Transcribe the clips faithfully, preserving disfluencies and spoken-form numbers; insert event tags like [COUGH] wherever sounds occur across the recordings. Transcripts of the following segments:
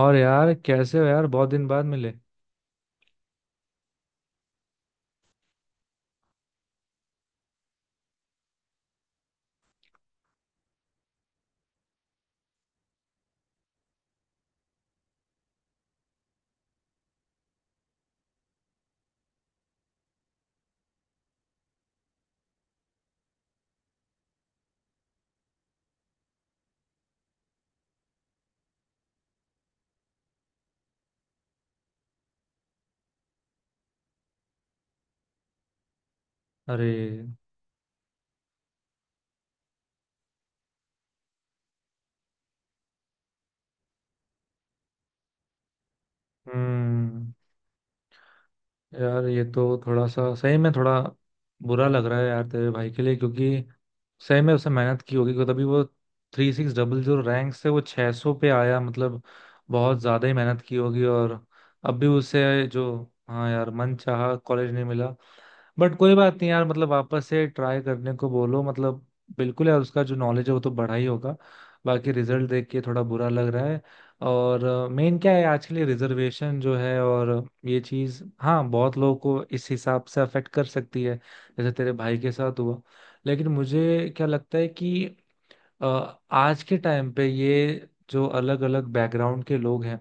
और यार कैसे हो यार? बहुत दिन बाद मिले। अरे। हम्म। यार ये तो थोड़ा सा सही में थोड़ा बुरा लग रहा है यार तेरे भाई के लिए क्योंकि सही में उसने मेहनत की होगी क्योंकि तभी वो three six double zero rank से वो छह सौ पे आया, मतलब बहुत ज्यादा ही मेहनत की होगी। और अब भी उसे जो हाँ यार मन चाहा कॉलेज नहीं मिला। बट कोई बात नहीं यार, मतलब वापस से ट्राई करने को बोलो, मतलब बिल्कुल यार उसका जो नॉलेज है वो तो बढ़ा ही होगा। बाकी रिजल्ट देख के थोड़ा बुरा लग रहा है। और मेन क्या है आज के लिए रिजर्वेशन जो है। और ये चीज, हाँ, बहुत लोगों को इस हिसाब से अफेक्ट कर सकती है जैसे तेरे भाई के साथ हुआ। लेकिन मुझे क्या लगता है कि अ, आज के टाइम पे ये जो अलग अलग बैकग्राउंड के लोग हैं,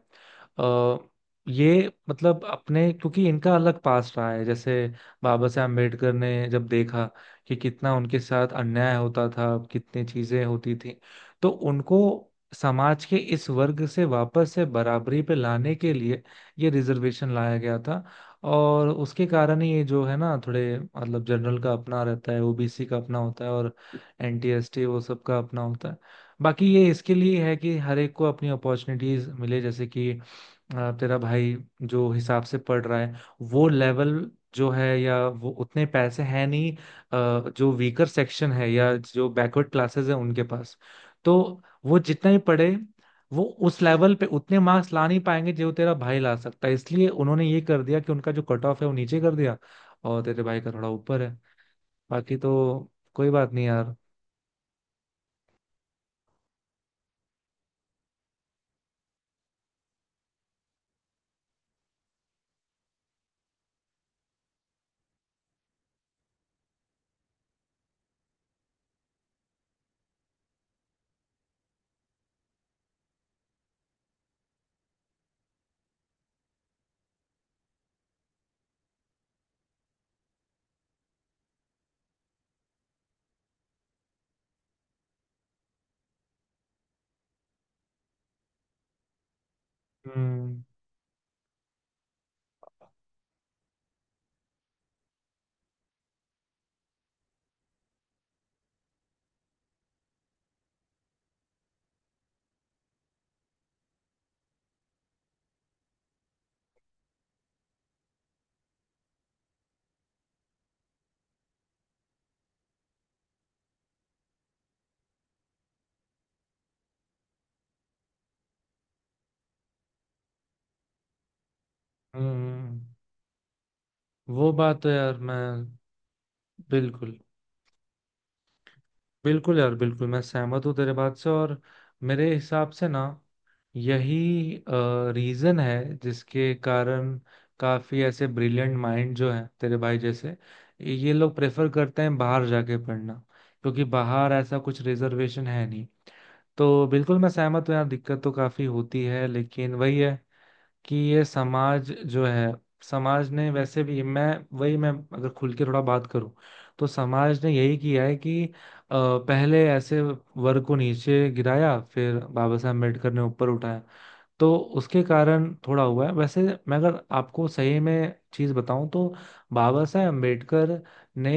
अ, ये मतलब अपने क्योंकि इनका अलग पास्ट रहा है, जैसे बाबा साहब अम्बेडकर ने जब देखा कि कितना उनके साथ अन्याय होता था, कितनी चीजें होती थी, तो उनको समाज के इस वर्ग से वापस से बराबरी पे लाने के लिए ये रिजर्वेशन लाया गया था। और उसके कारण ही ये जो है ना थोड़े, मतलब जनरल का अपना रहता है, ओबीसी का अपना होता है और एनटीएसटी, वो सब का अपना होता है। बाकी ये इसके लिए है कि हर एक को अपनी अपॉर्चुनिटीज मिले, जैसे कि अ, तेरा भाई जो हिसाब से पढ़ रहा है वो लेवल जो है या वो उतने पैसे हैं नहीं अ, जो वीकर सेक्शन है या जो बैकवर्ड क्लासेस है उनके पास। तो वो जितना ही पढ़े वो उस लेवल पे उतने मार्क्स ला नहीं पाएंगे जो तेरा भाई ला सकता है, इसलिए उन्होंने ये कर दिया कि उनका जो कट ऑफ है वो नीचे कर दिया और तेरे भाई का थोड़ा ऊपर है। बाकी तो कोई बात नहीं यार। हम्म। हम्म। वो बात तो यार मैं बिल्कुल। बिल्कुल यार, बिल्कुल मैं सहमत हूँ तेरे बात से। और मेरे हिसाब से ना यही रीजन है जिसके कारण काफी ऐसे ब्रिलियंट माइंड जो है तेरे भाई जैसे, ये लोग प्रेफर करते हैं बाहर जाके पढ़ना क्योंकि बाहर ऐसा कुछ रिजर्वेशन है नहीं। तो बिल्कुल मैं सहमत हूँ यार, दिक्कत तो काफी होती है। लेकिन वही है कि ये समाज जो है, समाज ने वैसे भी, मैं वही, मैं अगर खुल के थोड़ा बात करूं तो समाज ने यही किया है कि अ, पहले ऐसे वर्ग को नीचे गिराया फिर बाबा साहब अम्बेडकर ने ऊपर उठाया। तो उसके कारण थोड़ा हुआ है वैसे। मैं अगर आपको सही में चीज़ बताऊं तो बाबा साहेब अम्बेडकर ने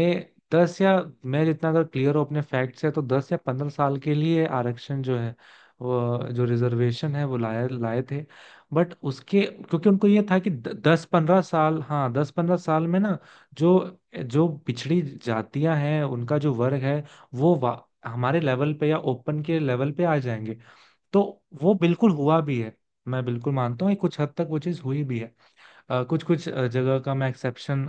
दस या मैं जितना अगर क्लियर हूँ अपने फैक्ट से, तो दस या पंद्रह साल के लिए आरक्षण जो है, वो जो रिजर्वेशन है, वो लाए लाए थे। बट उसके, क्योंकि उनको ये था कि द- दस पंद्रह साल, हाँ दस पंद्रह साल में ना जो जो पिछड़ी जातियां हैं उनका जो वर्ग है वो वा- हमारे लेवल पे या ओपन के लेवल पे आ जाएंगे। तो वो बिल्कुल हुआ भी है, मैं बिल्कुल मानता हूँ कि कुछ हद तक वो चीज़ हुई भी है। अ, कुछ कुछ अ, जगह का मैं एक्सेप्शन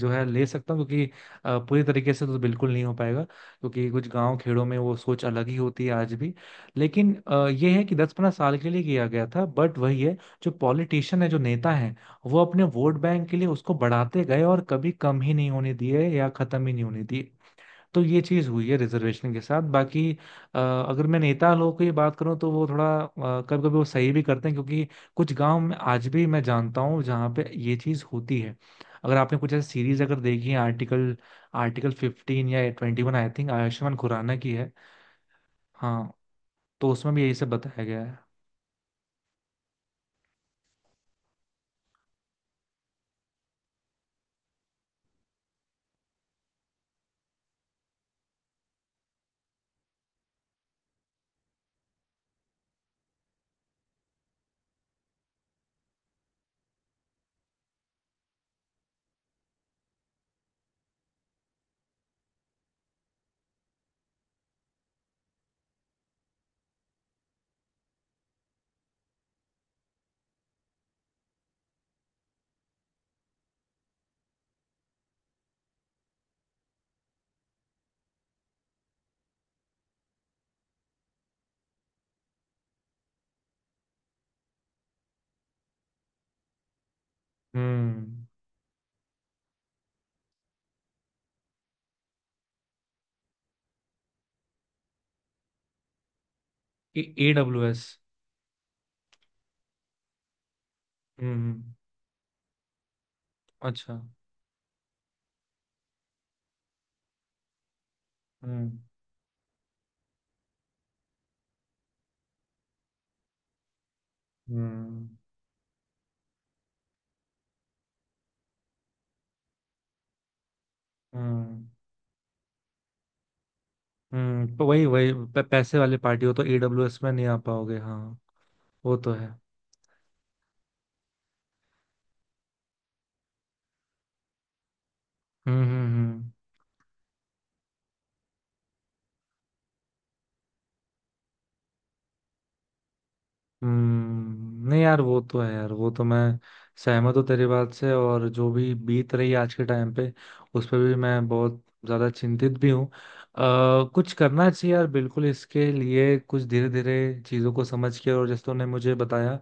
जो है ले सकता हूँ, क्योंकि अ, पूरी तरीके से तो बिल्कुल नहीं हो पाएगा क्योंकि कुछ गांव खेड़ों में वो सोच अलग ही होती है आज भी। लेकिन अ, ये है कि दस पंद्रह साल के लिए किया गया था, बट वही है, जो पॉलिटिशियन है जो नेता है वो अपने वोट बैंक के लिए उसको बढ़ाते गए और कभी कम ही नहीं होने दिए या खत्म ही नहीं होने दिए। तो ये चीज हुई है रिजर्वेशन के साथ। बाकी अ, अगर मैं नेता लोगों की बात करूं तो वो थोड़ा कभी कभी वो सही भी करते हैं, क्योंकि कुछ गांव में आज भी मैं जानता हूं जहां पे ये चीज होती है। अगर आपने कुछ ऐसी सीरीज अगर देखी है, आर्टिकल आर्टिकल फिफ्टीन या twenty one, I think Ayushmann Khurrana की है। हाँ। तो उसमें भी यही सब बताया गया है। हम्म। A W S. हम्म। अच्छा। हम्म। हम्म। हम्म। हम्म, तो वही वही प- पैसे वाली पार्टी हो तो ए डब्ल्यू एस में नहीं आ पाओगे, हाँ। वो तो है। हम्म। हम्म। हम्म। हम्म, नहीं यार वो तो है यार, वो तो मैं सहमत हूँ तेरी बात से। और जो भी बीत रही है आज के टाइम पे, उस पर भी मैं बहुत ज्यादा चिंतित भी हूँ। अ, कुछ करना चाहिए यार बिल्कुल इसके लिए, कुछ धीरे धीरे चीजों को समझ के। और जैसे तूने मुझे बताया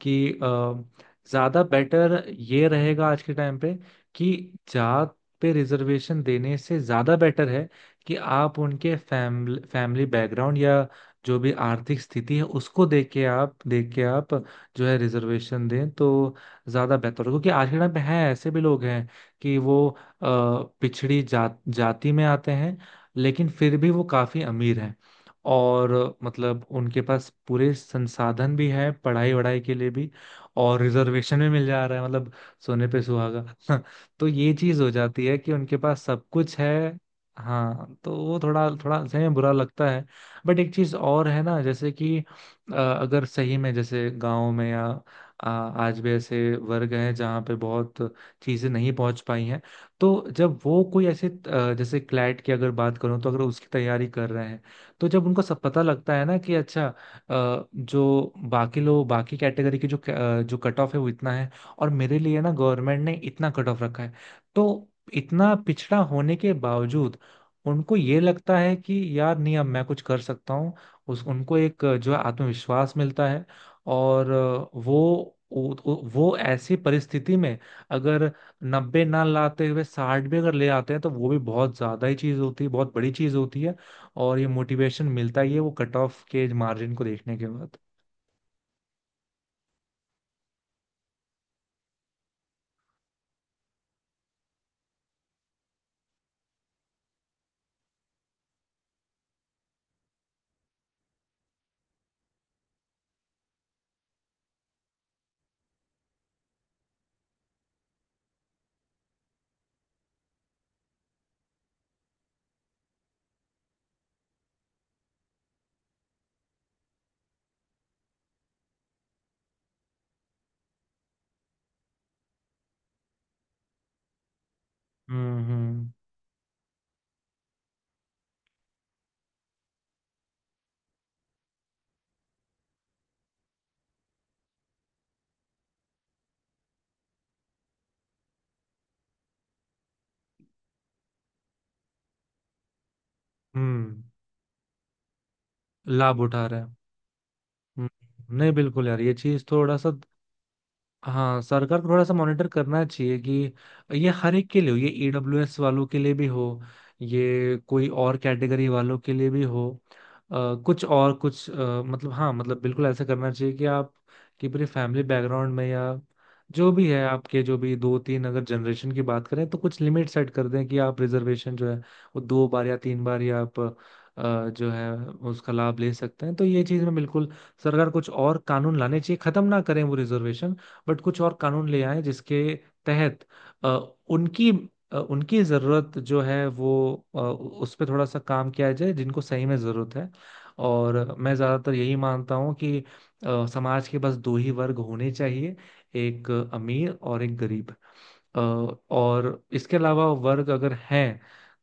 कि अ, ज्यादा बेटर ये रहेगा आज के टाइम पे कि जात पे रिजर्वेशन देने से ज्यादा बेटर है कि आप उनके फैमिली फैमिली बैकग्राउंड या जो भी आर्थिक स्थिति है उसको देख के आप देख के आप जो है रिजर्वेशन दें तो ज्यादा बेहतर होगा। क्योंकि आज के टाइम पे हैं, ऐसे भी लोग हैं कि वो अ, पिछड़ी जात जाति में आते हैं लेकिन फिर भी वो काफी अमीर हैं। और मतलब उनके पास पूरे संसाधन भी हैं पढ़ाई वढ़ाई के लिए भी और रिजर्वेशन भी मिल जा रहा है, मतलब सोने पे सुहागा। [LAUGHS] तो ये चीज हो जाती है कि उनके पास सब कुछ है। हाँ तो वो थोड़ा थोड़ा सही में बुरा लगता है। बट एक चीज और है ना, जैसे कि अ, अगर सही में, जैसे गांव में या आ, आज भी ऐसे वर्ग हैं जहाँ पे बहुत चीजें नहीं पहुंच पाई हैं, तो जब वो कोई ऐसे अ, जैसे क्लैट की अगर बात करूँ तो अगर उसकी तैयारी कर रहे हैं, तो जब उनको सब पता लगता है ना कि अच्छा, अ, जो बाकी लोग बाकी कैटेगरी की जो अ, जो कट ऑफ है वो इतना है और मेरे लिए ना गवर्नमेंट ने इतना कट ऑफ रखा है। तो इतना पिछड़ा होने के बावजूद उनको ये लगता है कि यार नहीं, अब मैं कुछ कर सकता हूँ। उस उनको एक अ, जो है आत्मविश्वास मिलता है। और अ, वो उ- उ- वो ऐसी परिस्थिति में अगर नब्बे ना लाते हुए साठ भी अगर ले आते हैं तो वो भी बहुत ज्यादा ही चीज होती है, बहुत बड़ी चीज होती है। और ये मोटिवेशन मिलता ही है वो कट ऑफ के मार्जिन को देखने के बाद। हम्म। हम्म। हम्म। लाभ उठा रहे हैं। हम्म, नहीं बिल्कुल यार ये चीज थोड़ा सा। हाँ सरकार को थोड़ा सा मॉनिटर करना चाहिए कि ये हर एक के लिए हो, ये ईडब्ल्यूएस वालों के लिए भी हो, ये कोई और कैटेगरी वालों के लिए भी हो। अ, कुछ और कुछ अ, मतलब हाँ, मतलब बिल्कुल ऐसा करना चाहिए कि आप कि पूरे फैमिली बैकग्राउंड में या जो भी है आपके जो भी दो तीन अगर जनरेशन की बात करें तो कुछ लिमिट सेट कर दें कि आप रिजर्वेशन जो है वो दो बार या तीन बार या आप अ, जो है उसका लाभ ले सकते हैं। तो ये चीज़ में बिल्कुल सरकार कुछ और कानून लाने चाहिए, खत्म ना करें वो रिजर्वेशन, बट कुछ और कानून ले आए जिसके तहत अ, उनकी अ, उनकी ज़रूरत जो है वो अ, उस पर थोड़ा सा काम किया जाए जिनको सही में ज़रूरत है। और मैं ज़्यादातर यही मानता हूँ कि अ, समाज के बस दो ही वर्ग होने चाहिए, एक अमीर और एक गरीब। अ, और इसके अलावा वर्ग अगर हैं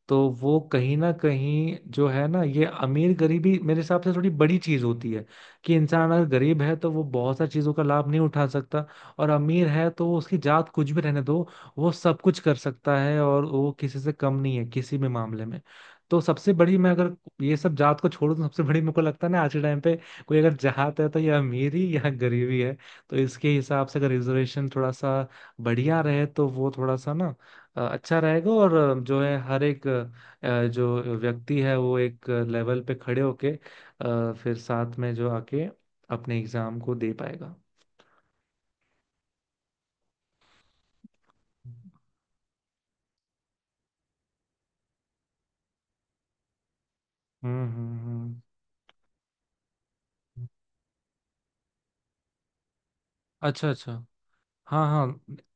तो वो कहीं ना कहीं जो है ना, ये अमीर गरीबी मेरे हिसाब से थोड़ी बड़ी चीज होती है कि इंसान अगर गरीब है तो वो बहुत सारी चीजों का लाभ नहीं उठा सकता, और अमीर है तो उसकी जात कुछ भी रहने दो, वो सब कुछ कर सकता है और वो किसी से कम नहीं है किसी भी मामले में। तो सबसे बड़ी, मैं अगर ये सब जात को छोड़ दूं, सबसे बड़ी मेरे को लगता है ना आज के टाइम पे कोई अगर जात है तो ये अमीरी या गरीबी है। तो इसके हिसाब से अगर रिजर्वेशन थोड़ा सा बढ़िया रहे तो वो थोड़ा सा ना अ, अच्छा रहेगा और अ, जो है हर एक अ, जो व्यक्ति है वो एक लेवल पे खड़े होके अ, फिर साथ में जो आके अपने एग्जाम को दे पाएगा। हम्म। हम्म। हम्म। अच्छा अच्छा। हाँ हाँ।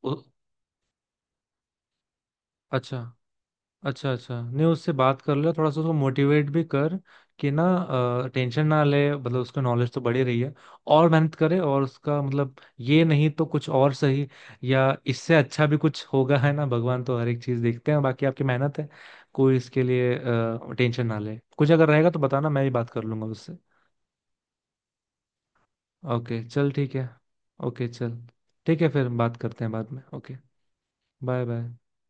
उ, अच्छा अच्छा। अच्छा नहीं, उससे बात कर ले थोड़ा सा, उसको मोटिवेट भी कर कि ना टेंशन ना ले, मतलब उसका नॉलेज तो बढ़ी रही है और मेहनत करे, और उसका मतलब ये नहीं तो कुछ और सही या इससे अच्छा भी कुछ होगा, है ना? भगवान तो हर एक चीज देखते हैं, बाकी आपकी मेहनत है। कोई इसके लिए टेंशन ना ले, कुछ अगर रहेगा तो बताना, मैं भी बात कर लूंगा उससे। ओके चल ठीक है। ओके चल, ठीक है फिर बात करते हैं बाद में, ओके। Bye bye.